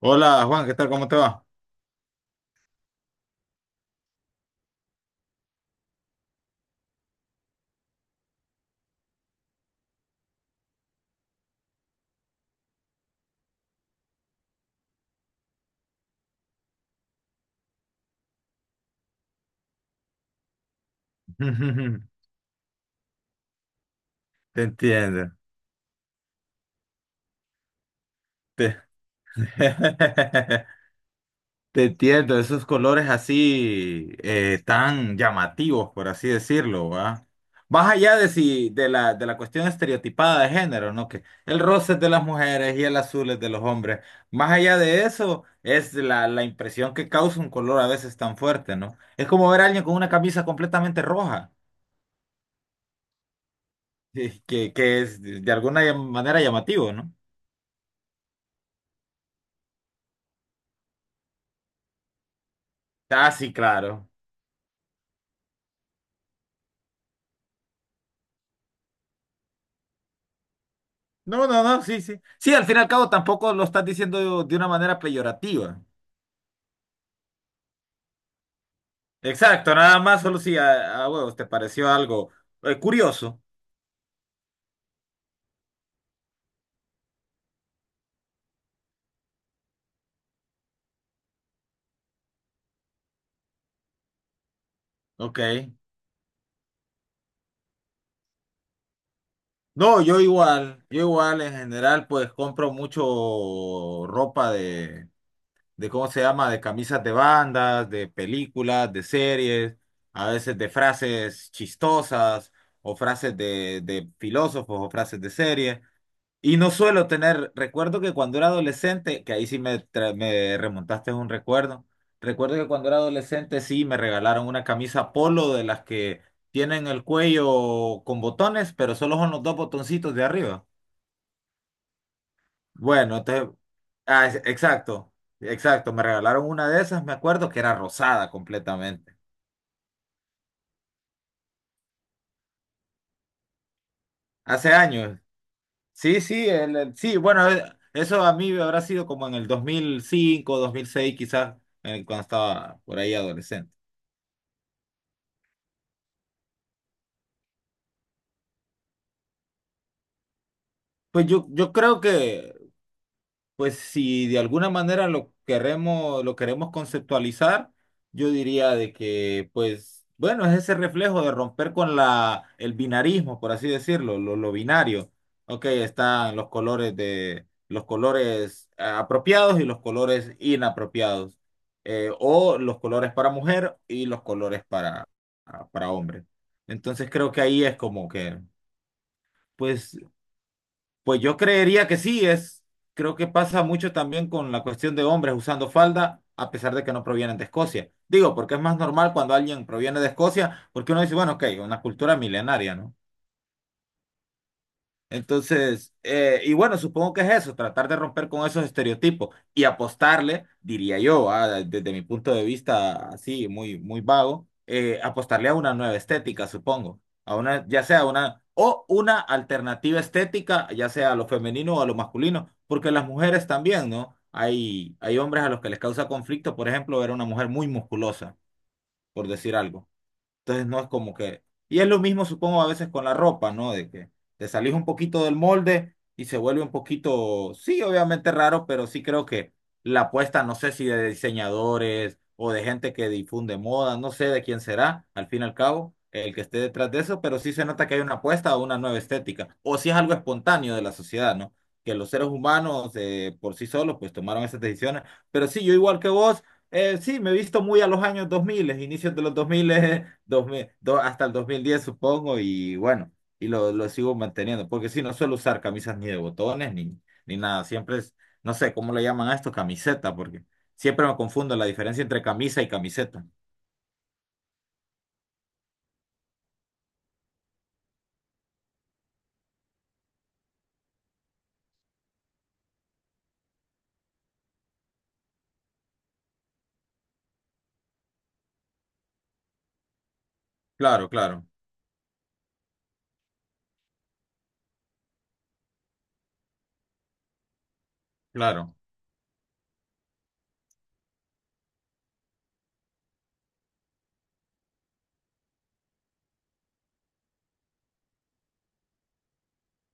Hola Juan, ¿qué tal? ¿Cómo te va? Te entiendo. Te, te entiendo, esos colores así tan llamativos, por así decirlo, ¿va? Más allá de si de la cuestión estereotipada de género, ¿no? Que el rosa es de las mujeres y el azul es de los hombres. Más allá de eso, es la impresión que causa un color a veces tan fuerte, ¿no? Es como ver a alguien con una camisa completamente roja, que es de alguna manera llamativo, ¿no? Ah, sí, claro. No, no, no, sí, sí. Sí, al fin y al cabo tampoco lo estás diciendo de una manera peyorativa. Exacto, nada más, solo si a huevos te pareció algo curioso. Ok. No, yo igual en general pues compro mucho ropa de ¿cómo se llama? De camisas de bandas, de películas, de series, a veces de frases chistosas o frases de filósofos o frases de series. Y no suelo tener, recuerdo que cuando era adolescente, que ahí sí me remontaste a un recuerdo, recuerdo que cuando era adolescente sí me regalaron una camisa polo de las que tienen el cuello con botones, pero solo son los dos botoncitos de arriba. Bueno, entonces, exacto, exacto, me regalaron una de esas, me acuerdo que era rosada completamente, hace años. Sí, sí, sí, bueno, eso a mí habrá sido como en el 2005 2006 quizás, cuando estaba por ahí adolescente. Pues yo creo que, pues si de alguna manera lo queremos conceptualizar, yo diría de que, pues, bueno, es ese reflejo de romper con el binarismo, por así decirlo, lo binario. Ok, están los colores apropiados y los colores inapropiados. O los colores para mujer y los colores para hombre. Entonces creo que ahí es como que pues pues yo creería que sí, es, creo que pasa mucho también con la cuestión de hombres usando falda, a pesar de que no provienen de Escocia. Digo, porque es más normal cuando alguien proviene de Escocia, porque uno dice, bueno, ok, una cultura milenaria, ¿no? Entonces, y bueno, supongo que es eso, tratar de romper con esos estereotipos y apostarle, diría yo, ah, desde mi punto de vista así, muy, muy vago, apostarle a una nueva estética, supongo, a una, ya sea una, o una alternativa estética, ya sea a lo femenino o a lo masculino, porque las mujeres también, ¿no? Hay hombres a los que les causa conflicto, por ejemplo, ver a una mujer muy musculosa, por decir algo. Entonces no es como que... Y es lo mismo, supongo, a veces con la ropa, ¿no? De que te salís un poquito del molde y se vuelve un poquito, sí, obviamente raro, pero sí creo que la apuesta, no sé si de diseñadores o de gente que difunde moda, no sé de quién será, al fin y al cabo, el que esté detrás de eso, pero sí se nota que hay una apuesta a una nueva estética, o si es algo espontáneo de la sociedad, ¿no? Que los seres humanos por sí solos pues tomaron esas decisiones, pero sí, yo igual que vos. Sí, me he visto muy a los años 2000, inicios de los 2000, 2000 hasta el 2010 supongo, y bueno, y lo sigo manteniendo, porque sí, no suelo usar camisas ni de botones ni nada, siempre es, no sé cómo le llaman a esto, camiseta, porque siempre me confundo la diferencia entre camisa y camiseta. Claro, claro, claro.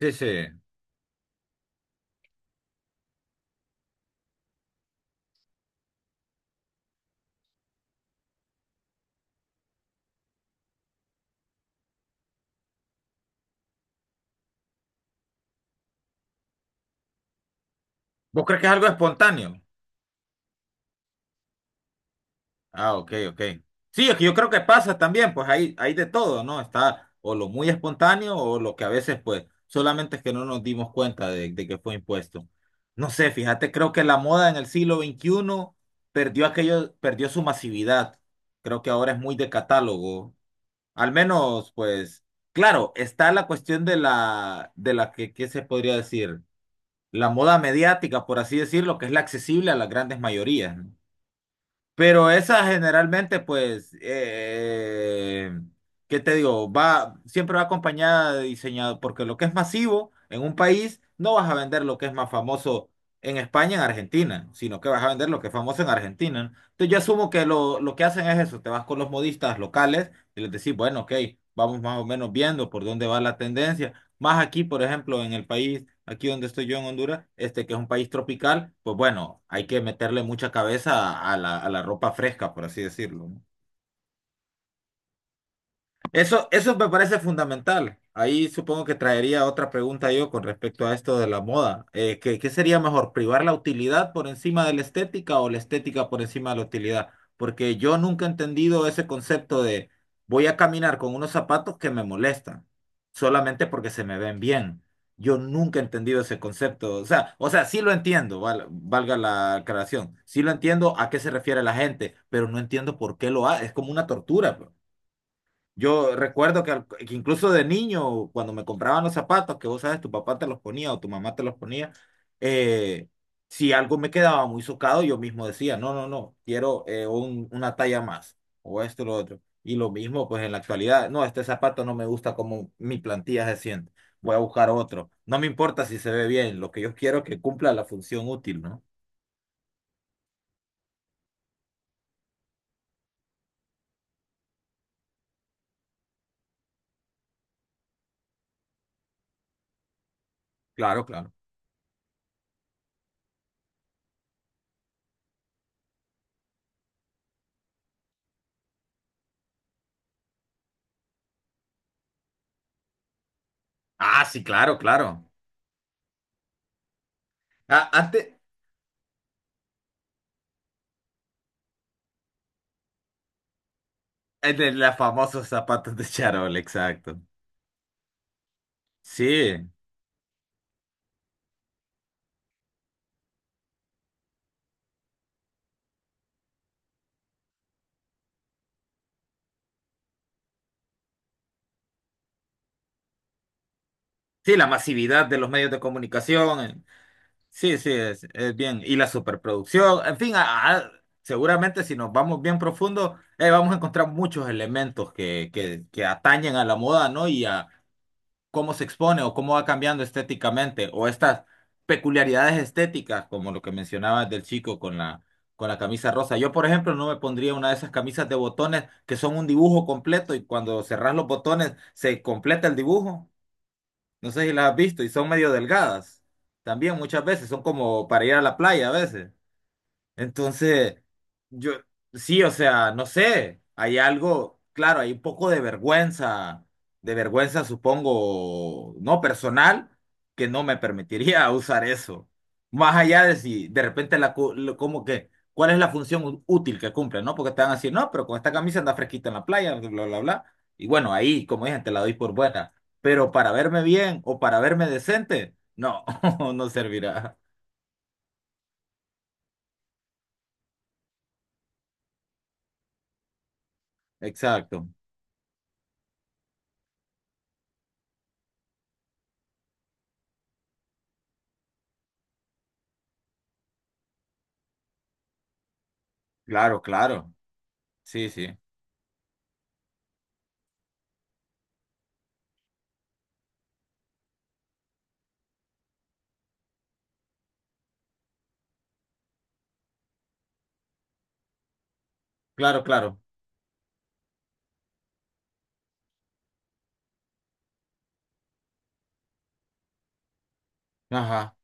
Sí, sí. ¿Vos crees que es algo espontáneo? Ah, ok, ok. Sí, es que yo creo que pasa también, pues hay de todo, ¿no? Está o lo muy espontáneo o lo que a veces, pues, solamente es que no nos dimos cuenta de que fue impuesto. No sé, fíjate, creo que la moda en el siglo XXI perdió aquello, perdió su masividad. Creo que ahora es muy de catálogo. Al menos, pues, claro, está la cuestión de la que, ¿qué se podría decir? La moda mediática, por así decirlo, que es la accesible a las grandes mayorías, ¿no? Pero esa generalmente, pues, ¿qué te digo? Va, siempre va acompañada de diseñador, porque lo que es masivo en un país, no vas a vender lo que es más famoso en España, en Argentina, sino que vas a vender lo que es famoso en Argentina, ¿no? Entonces yo asumo que lo que hacen es eso, te vas con los modistas locales y les decís, bueno, ok, vamos más o menos viendo por dónde va la tendencia. Más aquí, por ejemplo, en el país, aquí donde estoy yo en Honduras, este que es un país tropical, pues bueno, hay que meterle mucha cabeza a la ropa fresca, por así decirlo, ¿no? Eso me parece fundamental. Ahí supongo que traería otra pregunta yo con respecto a esto de la moda. ¿Qué, sería mejor, privar la utilidad por encima de la estética o la estética por encima de la utilidad? Porque yo nunca he entendido ese concepto de voy a caminar con unos zapatos que me molestan solamente porque se me ven bien. Yo nunca he entendido ese concepto. O sea, sí lo entiendo, valga la aclaración. Sí lo entiendo a qué se refiere la gente, pero no entiendo por qué lo hace. Es como una tortura, pues. Yo recuerdo que, que incluso de niño, cuando me compraban los zapatos, que vos sabes, tu papá te los ponía o tu mamá te los ponía, eh, si algo me quedaba muy socado, yo mismo decía, no, no, no, quiero una talla más o esto o lo otro. Y lo mismo, pues en la actualidad, no, este zapato no me gusta como mi plantilla se siente, voy a buscar otro. No me importa si se ve bien, lo que yo quiero es que cumpla la función útil, ¿no? Claro, claro. Ah, sí, claro, claro. Ah, antes, el de los famosos zapatos de charol, exacto. Sí, sí, la masividad de los medios de comunicación, sí, sí, es bien, y la superproducción, en fin, seguramente si nos vamos bien profundo, vamos a encontrar muchos elementos que atañen a la moda, ¿no? Y a cómo se expone o cómo va cambiando estéticamente, o estas peculiaridades estéticas, como lo que mencionabas del chico con la camisa rosa. Yo, por ejemplo, no me pondría una de esas camisas de botones que son un dibujo completo y cuando cerrás los botones se completa el dibujo. No sé si las has visto y son medio delgadas. También muchas veces son como para ir a la playa a veces. Entonces, yo, sí, o sea, no sé, hay algo, claro, hay un poco de vergüenza, supongo, no personal, que no me permitiría usar eso. Más allá de si de repente como que, ¿cuál es la función útil que cumple, no? Porque te van a decir, no, pero con esta camisa anda fresquita en la playa, bla, bla, bla, bla. Y bueno, ahí, como dije, te la doy por buena. Pero para verme bien o para verme decente, no, no servirá. Exacto. Claro, claro. Sí, sí, claro, claro. Ajá,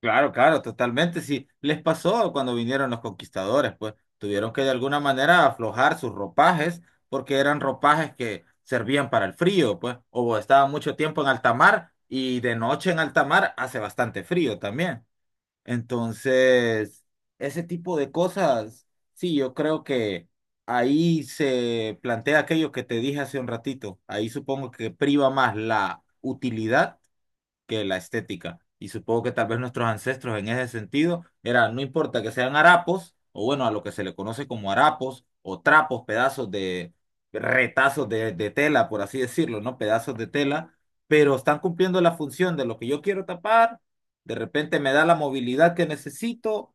claro, claro, totalmente. Sí, les pasó cuando vinieron los conquistadores, pues tuvieron que de alguna manera aflojar sus ropajes porque eran ropajes que servían para el frío, pues, o estaban mucho tiempo en alta mar y de noche en alta mar hace bastante frío también. Entonces, ese tipo de cosas, sí, yo creo que ahí se plantea aquello que te dije hace un ratito. Ahí supongo que priva más la utilidad que la estética. Y supongo que tal vez nuestros ancestros en ese sentido era, no importa que sean harapos, o bueno, a lo que se le conoce como harapos, o trapos, pedazos de retazos de tela, por así decirlo, ¿no? Pedazos de tela, pero están cumpliendo la función de lo que yo quiero tapar, de repente me da la movilidad que necesito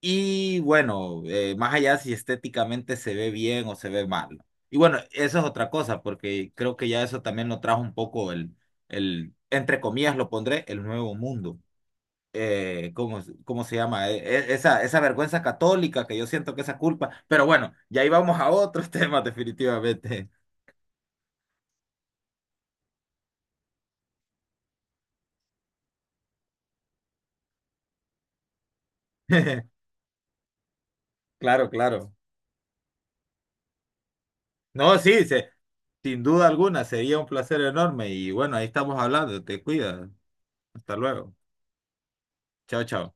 y bueno, más allá si estéticamente se ve bien o se ve mal, ¿no? Y bueno, eso es otra cosa, porque creo que ya eso también lo trajo un poco el entre comillas lo pondré, el nuevo mundo. ¿Cómo, cómo se llama? Esa vergüenza católica que yo siento que esa culpa. Pero bueno, ya íbamos a otros temas definitivamente. Claro, claro. No, sí, sin duda alguna, sería un placer enorme. Y bueno, ahí estamos hablando. Te cuidas. Hasta luego. Chao, chao.